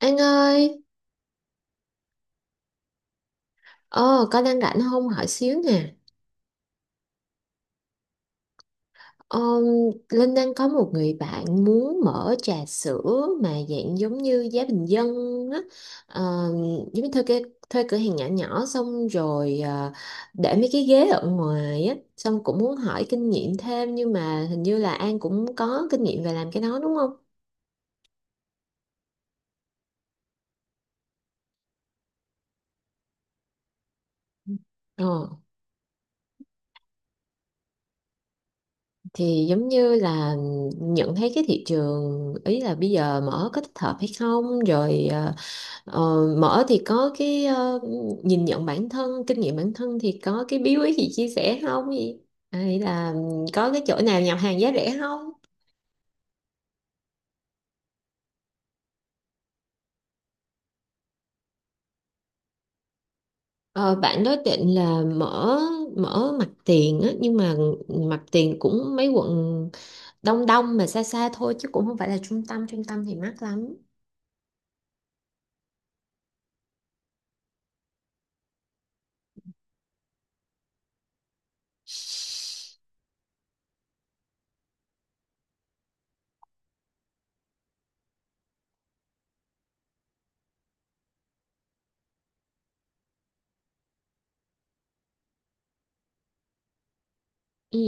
Anh ơi, ờ, có đang rảnh không hỏi xíu nè. Ờ, Linh đang có một người bạn muốn mở trà sữa mà dạng giống như giá bình dân á. Ờ, Giống như thuê cái thuê cửa hàng nhỏ nhỏ xong rồi để mấy cái ghế ở ngoài á, xong cũng muốn hỏi kinh nghiệm thêm, nhưng mà hình như là An cũng có kinh nghiệm về làm cái đó đúng không? Ờ, thì giống như là nhận thấy cái thị trường, ý là bây giờ mở có thích hợp hay không, rồi Ờ, mở thì có cái nhìn nhận bản thân, kinh nghiệm bản thân thì có cái bí quyết gì chia sẻ không? Gì? Hay là có cái chỗ nào nhập hàng giá rẻ không? Ờ, bạn đó định là mở mở mặt tiền á, nhưng mà mặt tiền cũng mấy quận đông đông mà xa xa thôi chứ cũng không phải là trung tâm thì mắc lắm. Ừ,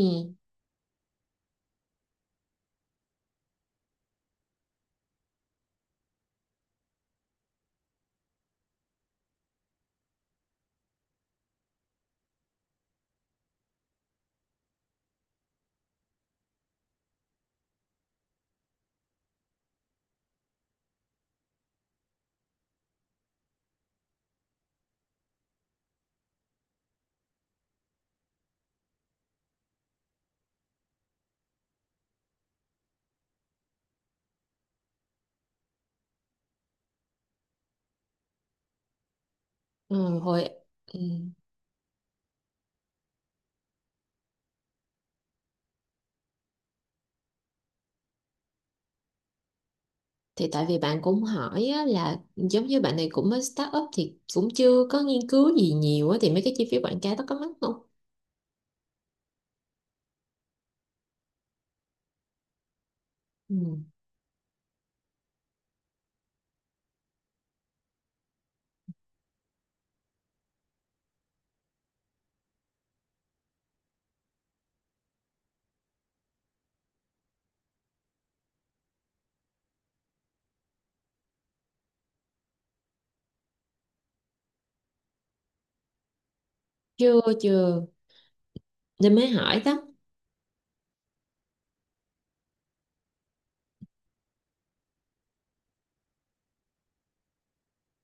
ừ, hồi, ừ. Thì tại vì bạn cũng hỏi á, là giống như bạn này cũng mới start up thì cũng chưa có nghiên cứu gì nhiều á, thì mấy cái chi phí quảng cáo đó có mắc không? Ừ. Chưa, chưa, nên mới hỏi đó.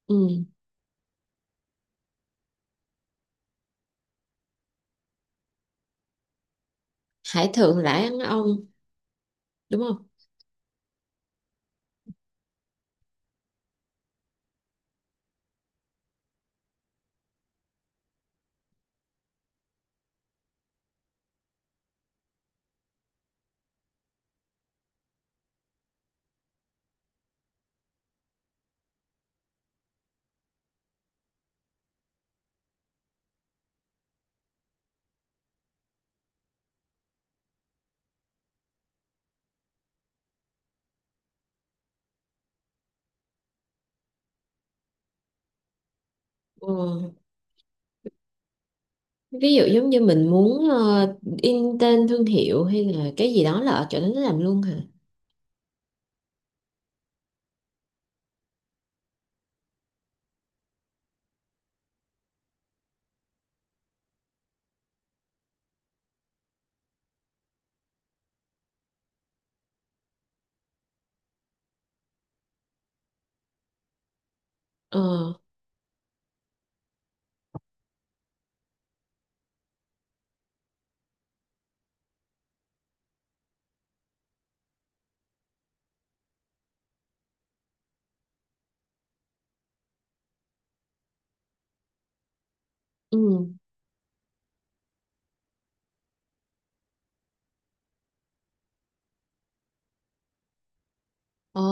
Ừ. Hải Thượng Lãi Ăn Ông, đúng không? Ừ. Ví dụ giống như mình muốn in tên thương hiệu hay là cái gì đó là ở chỗ đó nó làm luôn hả? Ờ. Ừ. ờ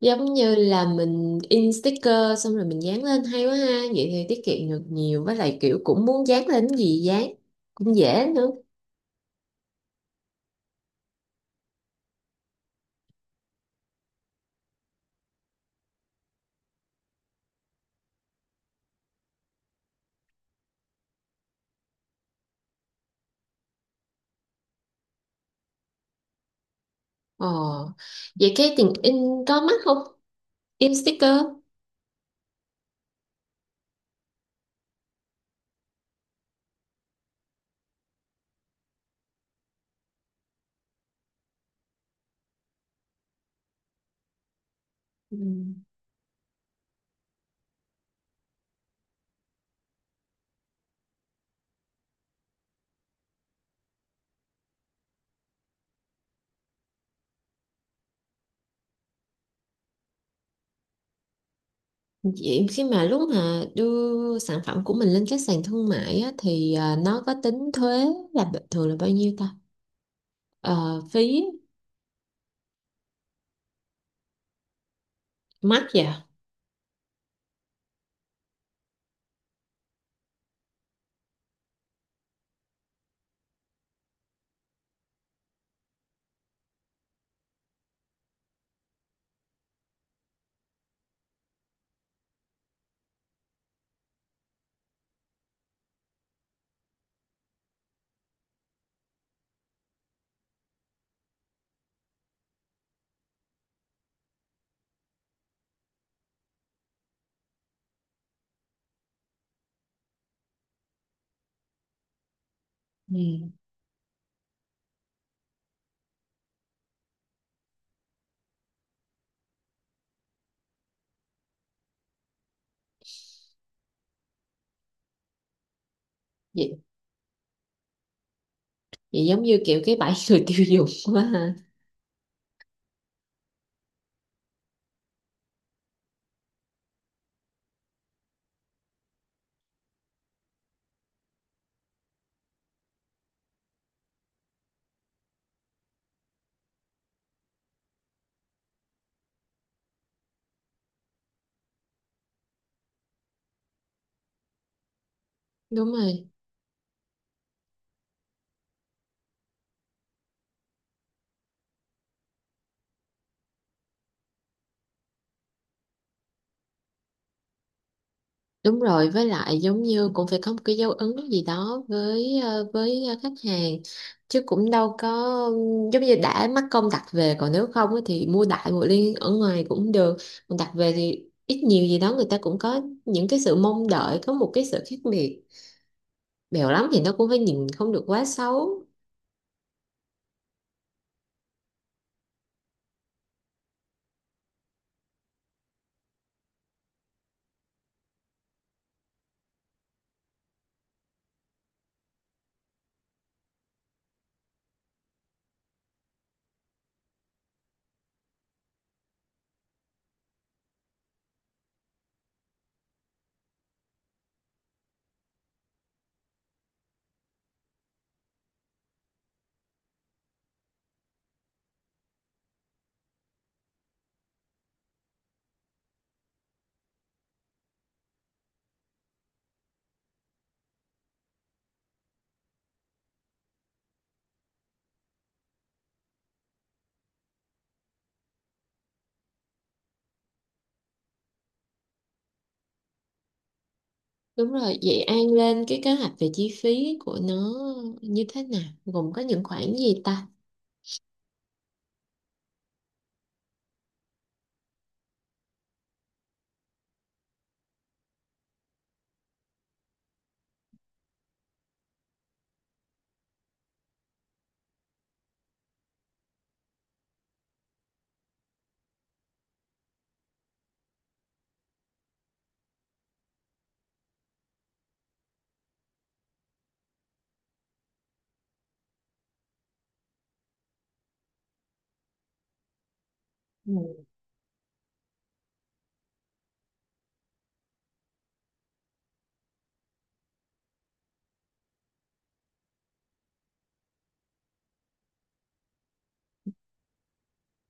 Giống như là mình in sticker xong rồi mình dán lên hay quá ha. Vậy thì tiết kiệm được nhiều, với lại kiểu cũng muốn dán lên cái gì dán cũng dễ nữa. ờ Vậy cái tiền in có mắc không? In sticker? Ừ. Vậy khi mà lúc mà đưa sản phẩm của mình lên các sàn thương mại á, thì nó có tính thuế là thường là bao nhiêu ta? Ờ, Phí. Mắc vậy à? Ừ. vậy vậy giống như kiểu cái bẫy người tiêu dùng quá ha. Đúng rồi. Đúng rồi, với lại giống như cũng phải có một cái dấu ấn gì đó với khách hàng, chứ cũng đâu có. Giống như đã mắc công đặt về, còn nếu không á thì mua đại một liên ở ngoài cũng được. Còn đặt về thì ít nhiều gì đó người ta cũng có những cái sự mong đợi có một cái sự khác biệt. Bèo lắm thì nó cũng phải nhìn không được quá xấu. Đúng rồi. Vậy An lên cái kế hoạch về chi phí của nó như thế nào, gồm có những khoản gì ta?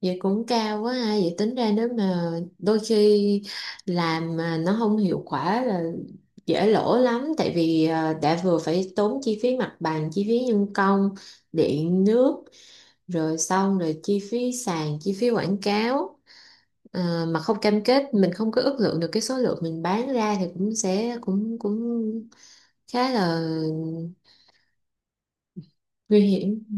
Vậy cũng cao quá ha. Vậy tính ra nếu mà đôi khi làm mà nó không hiệu quả là dễ lỗ lắm, tại vì đã vừa phải tốn chi phí mặt bằng, chi phí nhân công, điện nước, rồi xong rồi chi phí sàn, chi phí quảng cáo, mà không cam kết mình không có ước lượng được cái số lượng mình bán ra thì cũng sẽ cũng cũng khá là nguy hiểm. Ừ.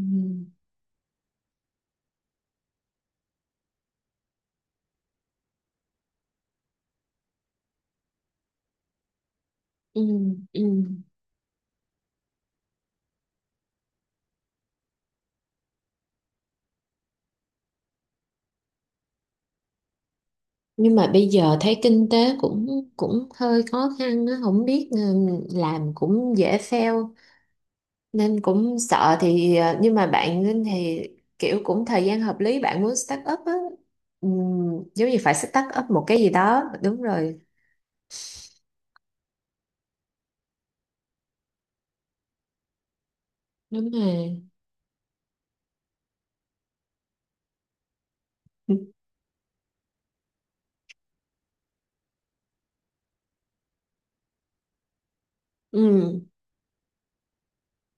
Ừ. Ừ. Nhưng mà bây giờ thấy kinh tế cũng cũng hơi khó khăn á, không biết, ừ, làm cũng dễ fail nên cũng sợ, thì nhưng mà bạn Linh thì kiểu cũng thời gian hợp lý bạn muốn start up á. Giống như phải start up một cái gì đó đúng rồi. Đúng rồi. Ừ.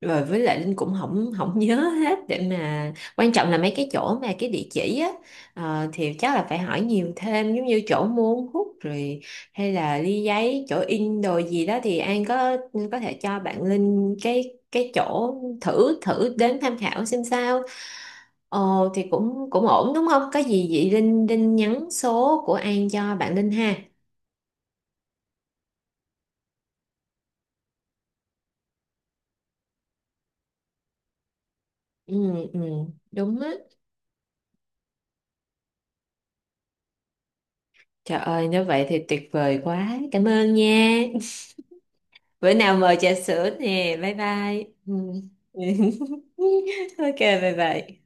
Rồi với lại Linh cũng không không nhớ hết, để mà quan trọng là mấy cái chỗ mà cái địa chỉ á, thì chắc là phải hỏi nhiều thêm, giống như chỗ mua uống hút rồi hay là ly giấy, chỗ in đồ gì đó thì An có thể cho bạn Linh cái chỗ thử thử đến tham khảo xem sao. Ồ thì cũng cũng ổn đúng không, có gì vậy Linh Linh nhắn số của An cho bạn Linh ha. Ừ, ừ. Đúng á. Trời ơi, nếu vậy thì tuyệt vời quá. Cảm ơn nha. Bữa nào mời trà sữa nè. Bye bye. Ừ. Ok, bye bye.